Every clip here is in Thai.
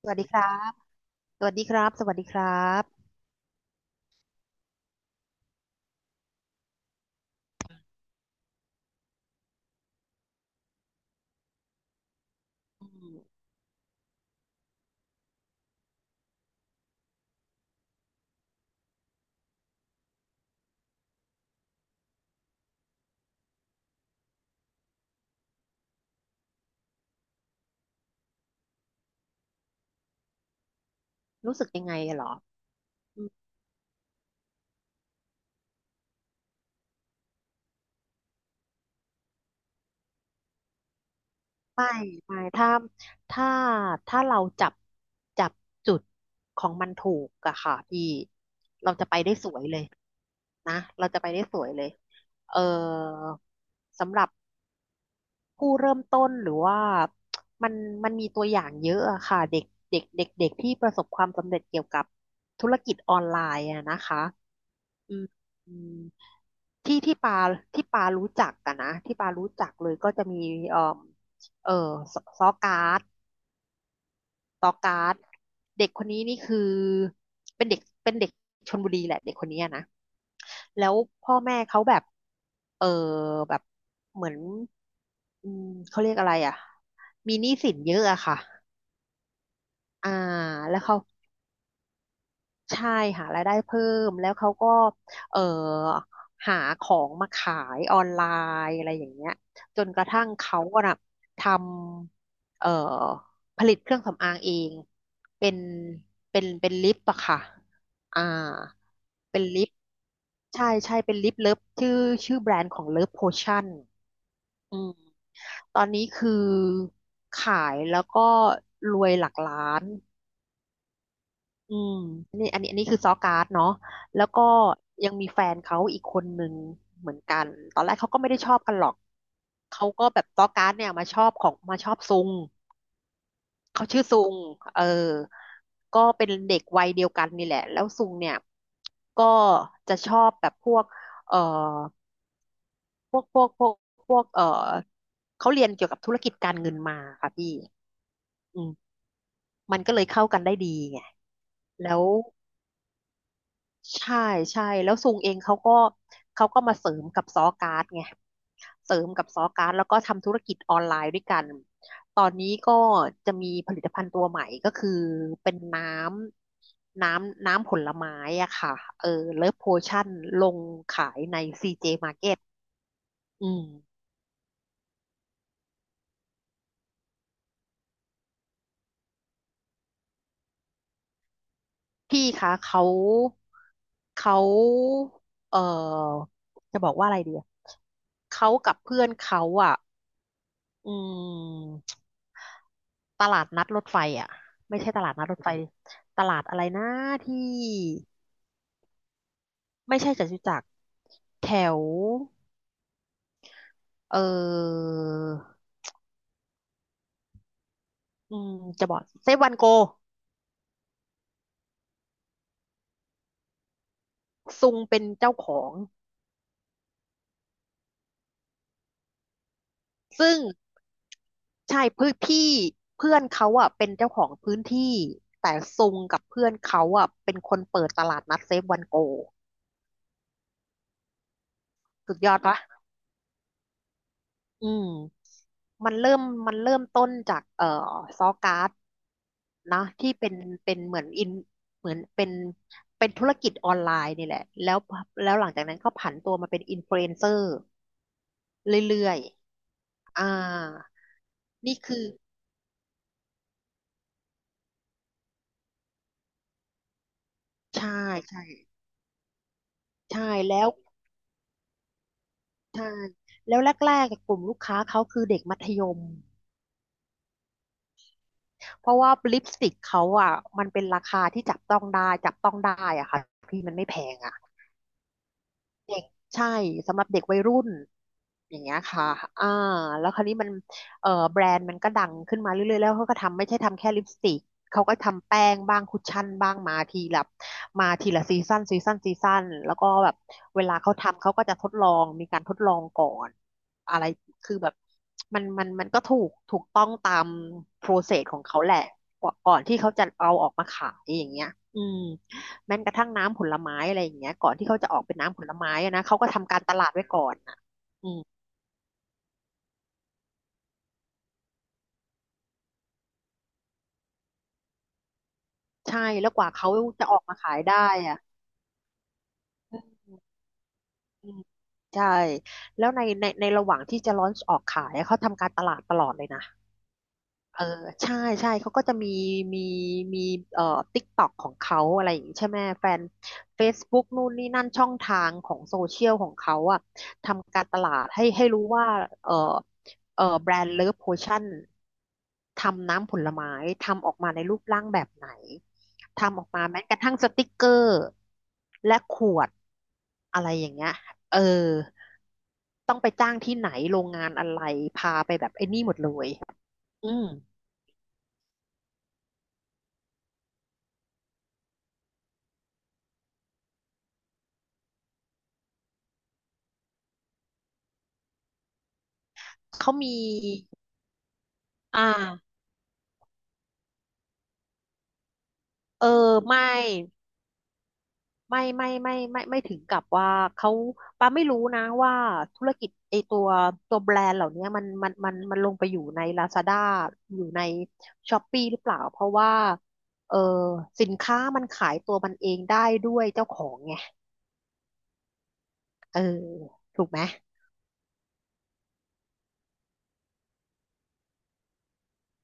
สวัสดีครับสวัสดีครับ สวัสดีครับ รู้สึกยังไงเหรออืมไม่ไม่ ถ้าถ้าถ้าเราจับจุดของมันถูกอะค่ะพี่เราจะไปได้สวยเลยนะเราจะไปได้สวยเลยเออสำหรับผู้เริ่มต้นหรือว่า มันมันมีตัวอย่างเยอะอะค่ะเด็กเด็กที่ประสบความสำเร็จเกี่ยวกับธุรกิจออนไลน์อะนะคะ อืมอืมที่ที่ปารู้จักกันนะที่ปารู้จักเลยก็จะมีเอ่อเออซซอการ์ดตอการ์ดเด็กคนนี้นี่คือเป็นเด็กชลบุรีแหละเด็กคนนี้อะนะแล้วพ่อแม่เขาแบบเออแบบเหมือนอืมเขาเรียกอะไรอ่ะมีหนี้สินเยอะอะค่ะอ่าแล้วเขา ใช่หารายได้เพิ่มแล้วเขาก็เอ่อหาของมาขายออนไลน์อะไรอย่างเงี้ยจนกระทั่งเขาอะน่ะทำผลิตเครื่องสำอางเองเป็นเป็นลิปอะค่ะอ่าเป็นลิปใช่ใช่เป็นลิปเลิฟชื่อแบรนด์ของเลิฟโพชั่นอืมตอนนี้คือขายแล้วก็รวยหลักล้าน อืมนี่อันนี้คือซอการ์ดเนาะแล้วก็ยังมีแฟนเขาอีกคนหนึ่งเหมือนกันตอนแรกเขาก็ไม่ได้ชอบกันหรอกเขาก็แบบซอการ์ดเนี่ยมาชอบซุงเขาชื่อซุงเออก็เป็นเด็กวัยเดียวกันนี่แหละแล้วซุงเนี่ยก็จะชอบแบบพวกเอ่อพวกพวกเขาเรียนเกี่ยวกับธุรกิจการเงินมาค่ะพี่อืมมันก็เลยเข้ากันได้ดีไงแล้ว ใช่ใช่แล้วซุงเองเขาก็เขาก็มาเสริมกับซอการ์ดไงเสริมกับซอการ์ดแล้วก็ทำธุรกิจออนไลน์ด้วยกันตอนนี้ก็จะมีผลิตภัณฑ์ตัวใหม่ก็คือเป็นน้ำผลไม้อะค่ะเออเลิฟโพชั่นลงขายใน CJ Market อืมพี่คะเขาเออจะบอกว่าอะไรดีอะเขากับเพื่อนเขาอ่ะอืม ตลาดนัดรถไฟอ่ะไม่ใช่ตลาดนัดรถไฟตลาดอะไรนะที่ไม่ใช่จตุจักรแถวเอออืมจะบอกเซฟวันโกซุงเป็นเจ้าของซึ่งใช่เพื่อนพี่เพื่อนเขาอ่ะเป็นเจ้าของพื้นที่แต่ซุงกับเพื่อนเขาอ่ะเป็นคนเปิดตลาดนัดเซฟวันโกสุดยอดปะอืม มันเริ่มมันเริ่มต้นจากซอการ์ดนะที่เป็นเหมือนอินเหมือนเป็นธุรกิจออนไลน์นี่แหละแล้วหลังจากนั้นก็ผันตัวมาเป็นอินฟลูเอนเซอร์เรื่อยๆอ่านี่คือใช่ใช่ใช่แล้วใช่แล้วแรกๆกบกลุ่มลูกค้าเขาคือเด็กมัธยมเพราะว่าลิปสติกเขาอ่ะมันเป็นราคาที่จับต้องได้จับต้องได้อ่ะค่ะพี่มันไม่แพงอ่ะ ใช่สำหรับเด็กวัยรุ่นอย่างเงี้ยค่ะอ่าแล้วคราวนี้มันแบรนด์มันก็ดังขึ้นมาเรื่อยๆแล้วเขาก็ทำไม่ใช่ทำแค่ลิปสติกเขาก็ทำแป้งบ้างคุชชั่นบ้างมาทีละซีซันซีซันซีซันแล้วก็แบบเวลาเขาทำเขาก็จะทดลองมีการทดลองก่อนอะไรคือแบบมันก็ถูกต้องตามโปรเซสของเขาแหละก่อนที่เขาจะเอาออกมาขายอย่างเงี้ยอืม แม้กระทั่งน้ำผลไม้อะไรอย่างเงี้ยก่อนที่เขาจะออกเป็นน้ำผลไม้อะนะเขาก็ทำการตลาดไว้ก่อนอ่ะอืมใช่แล้วกว่าเขาจะออกมาขายได้อ่ะอืมอืมใช่แล้วในระหว่างที่จะลอนช์ออกขายอะเขาทำการตลาดตลอดเลยนะ เออใช่ใช่เขาก็จะมีมีเอ่อติ๊กต็อกของเขาอะไรอย่างนี้ใช่ไหมแฟน Facebook นู่นนี่นั่นช่องทางของโซเชียลของเขาอะทำการตลาดให้รู้ว่าเออเออแบรนด์เลิฟโพชั่นทำน้ำผลไม้ทำออกมาในรูปร่างแบบไหนทำออกมาแม้กระทั่งสติกเกอร์และขวดอะไรอย่างเงี้ยเออต้องไปจ้างที่ไหนโรงงานอะไรพาไปแบบไอ้นี่หมดเลยอืม เขามีอ่าเออไม่ไม่ไม่ถึงกับว่าเขาปาไม่รู้นะว่าธุรกิจไอตัวตัวแบรนด์เหล่านี้มันลงไปอยู่ใน Lazada อยู่ใน Shopee หรือเปล่า เพราะว่าเออสินค้ามันขายตัวมันเองได้ด้วยเจ้าของไงเออถูกไหม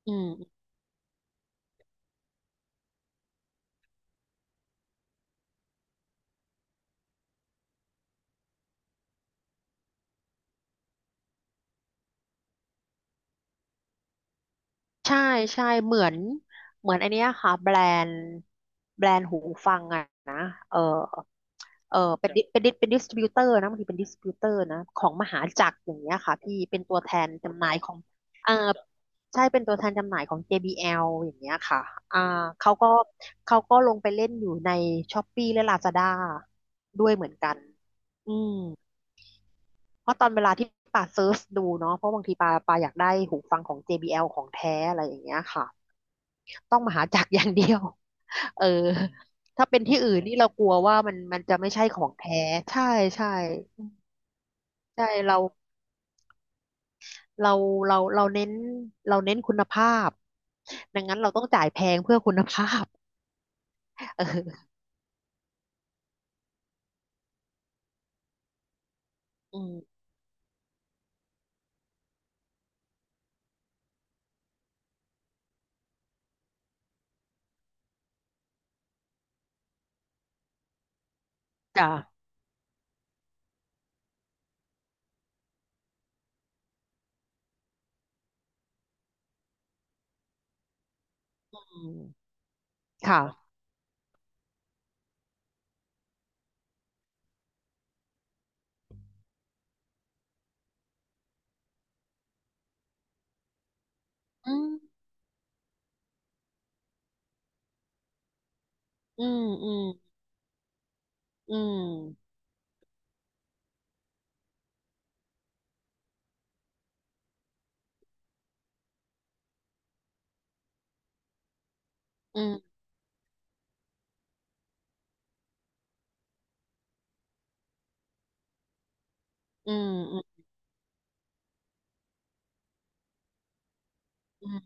อืมใช่ใช่เหมือนอันเนี้ยค่ะนด์แบรนด์หูฟังอะนะเออ เป็นดิสติบิวเตอร์นะบางทีเป็นดิสติบิวเตอร์นะของมหาจักรอย่างเงี้ยค่ะพี่เป็นตัวแทนจำหน่ายของเออใช่เป็นตัวแทนจำหน่ายของ JBL อลอย่างเงี้ยค่ะอ่าเขาก็เขาก็ลงไปเล่นอยู่ใน Shopee และ Lazada ด้วยเหมือนกันอืมเพราะตอนเวลาที่ป่าเซิร์ชดูเนาะเพราะบางทีปาอยากได้หูฟังของ JBL ของแท้อะไรอย่างเงี้ยค่ะ ต้องมหาจักรอย่างเดียว เออถ้าเป็นที่อื่นนี่เรากลัวว่ามันจะไม่ใช่ของแท้ใช่ใช่ใช่เราเราเราเน้นเราเน้นคุณภาพดังนั้นเราต้องจ่ายแพงเพื่อคุณภาพ เอออืมจ้ะอืมค่ะอืมอืมอืมอืมอืมอืมอืม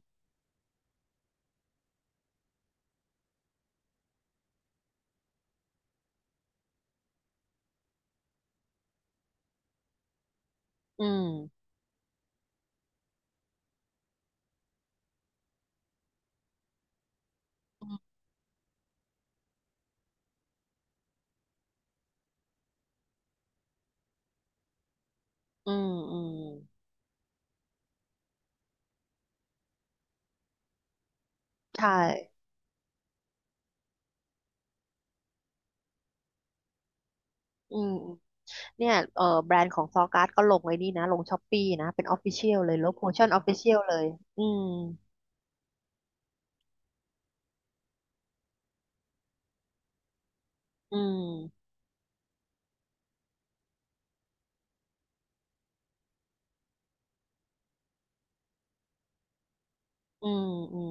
อืมอืมอืมอืมอืมใช่อืม เนี่ยเออแบรนด์ของซอการ์ดก็ลงไว้นี่นะ ลงช้อปปี้นะ เป็นออฟฟิเชียลเลยลบโพชั่นออฟฟิเชียลเลยอืมอืมอืมอืม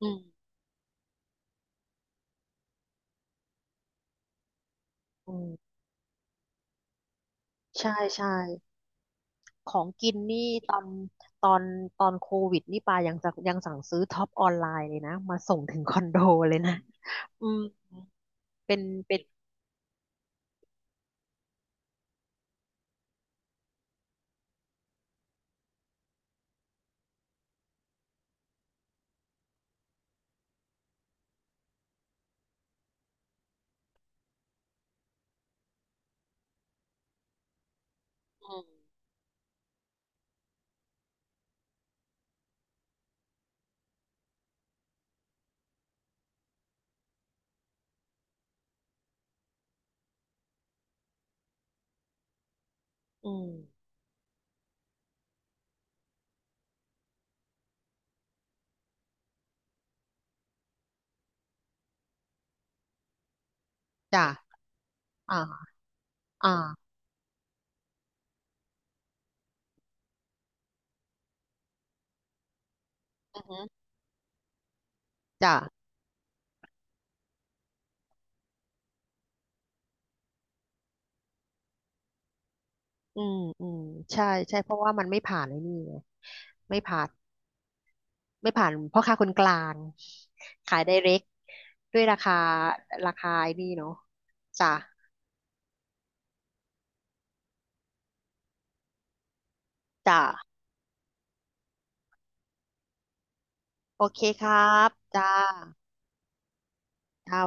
อืมอืมใช่ใช่ของกินนี่ตอนตอนตอนโควิดนี่ปายังจะยังสั่งซื้อท็อปออนไลน์เลยนะ มาส่งถึงคอนโดเลยนะอืมเป็นเป็นอืมอืมจ้ะอ่าอ่าอือฮึจ้ะอืมอืมใช่ใช่เพราะว่ามันไม่ผ่านไอ้นี่ไงไม่ผ่าน ไม่ผ่านพ่อค้าคนกลางขายไดเรกด้วยราคาไอ้นี่เนาะจ้ะจ้ะโอเคครับจ้าจ้า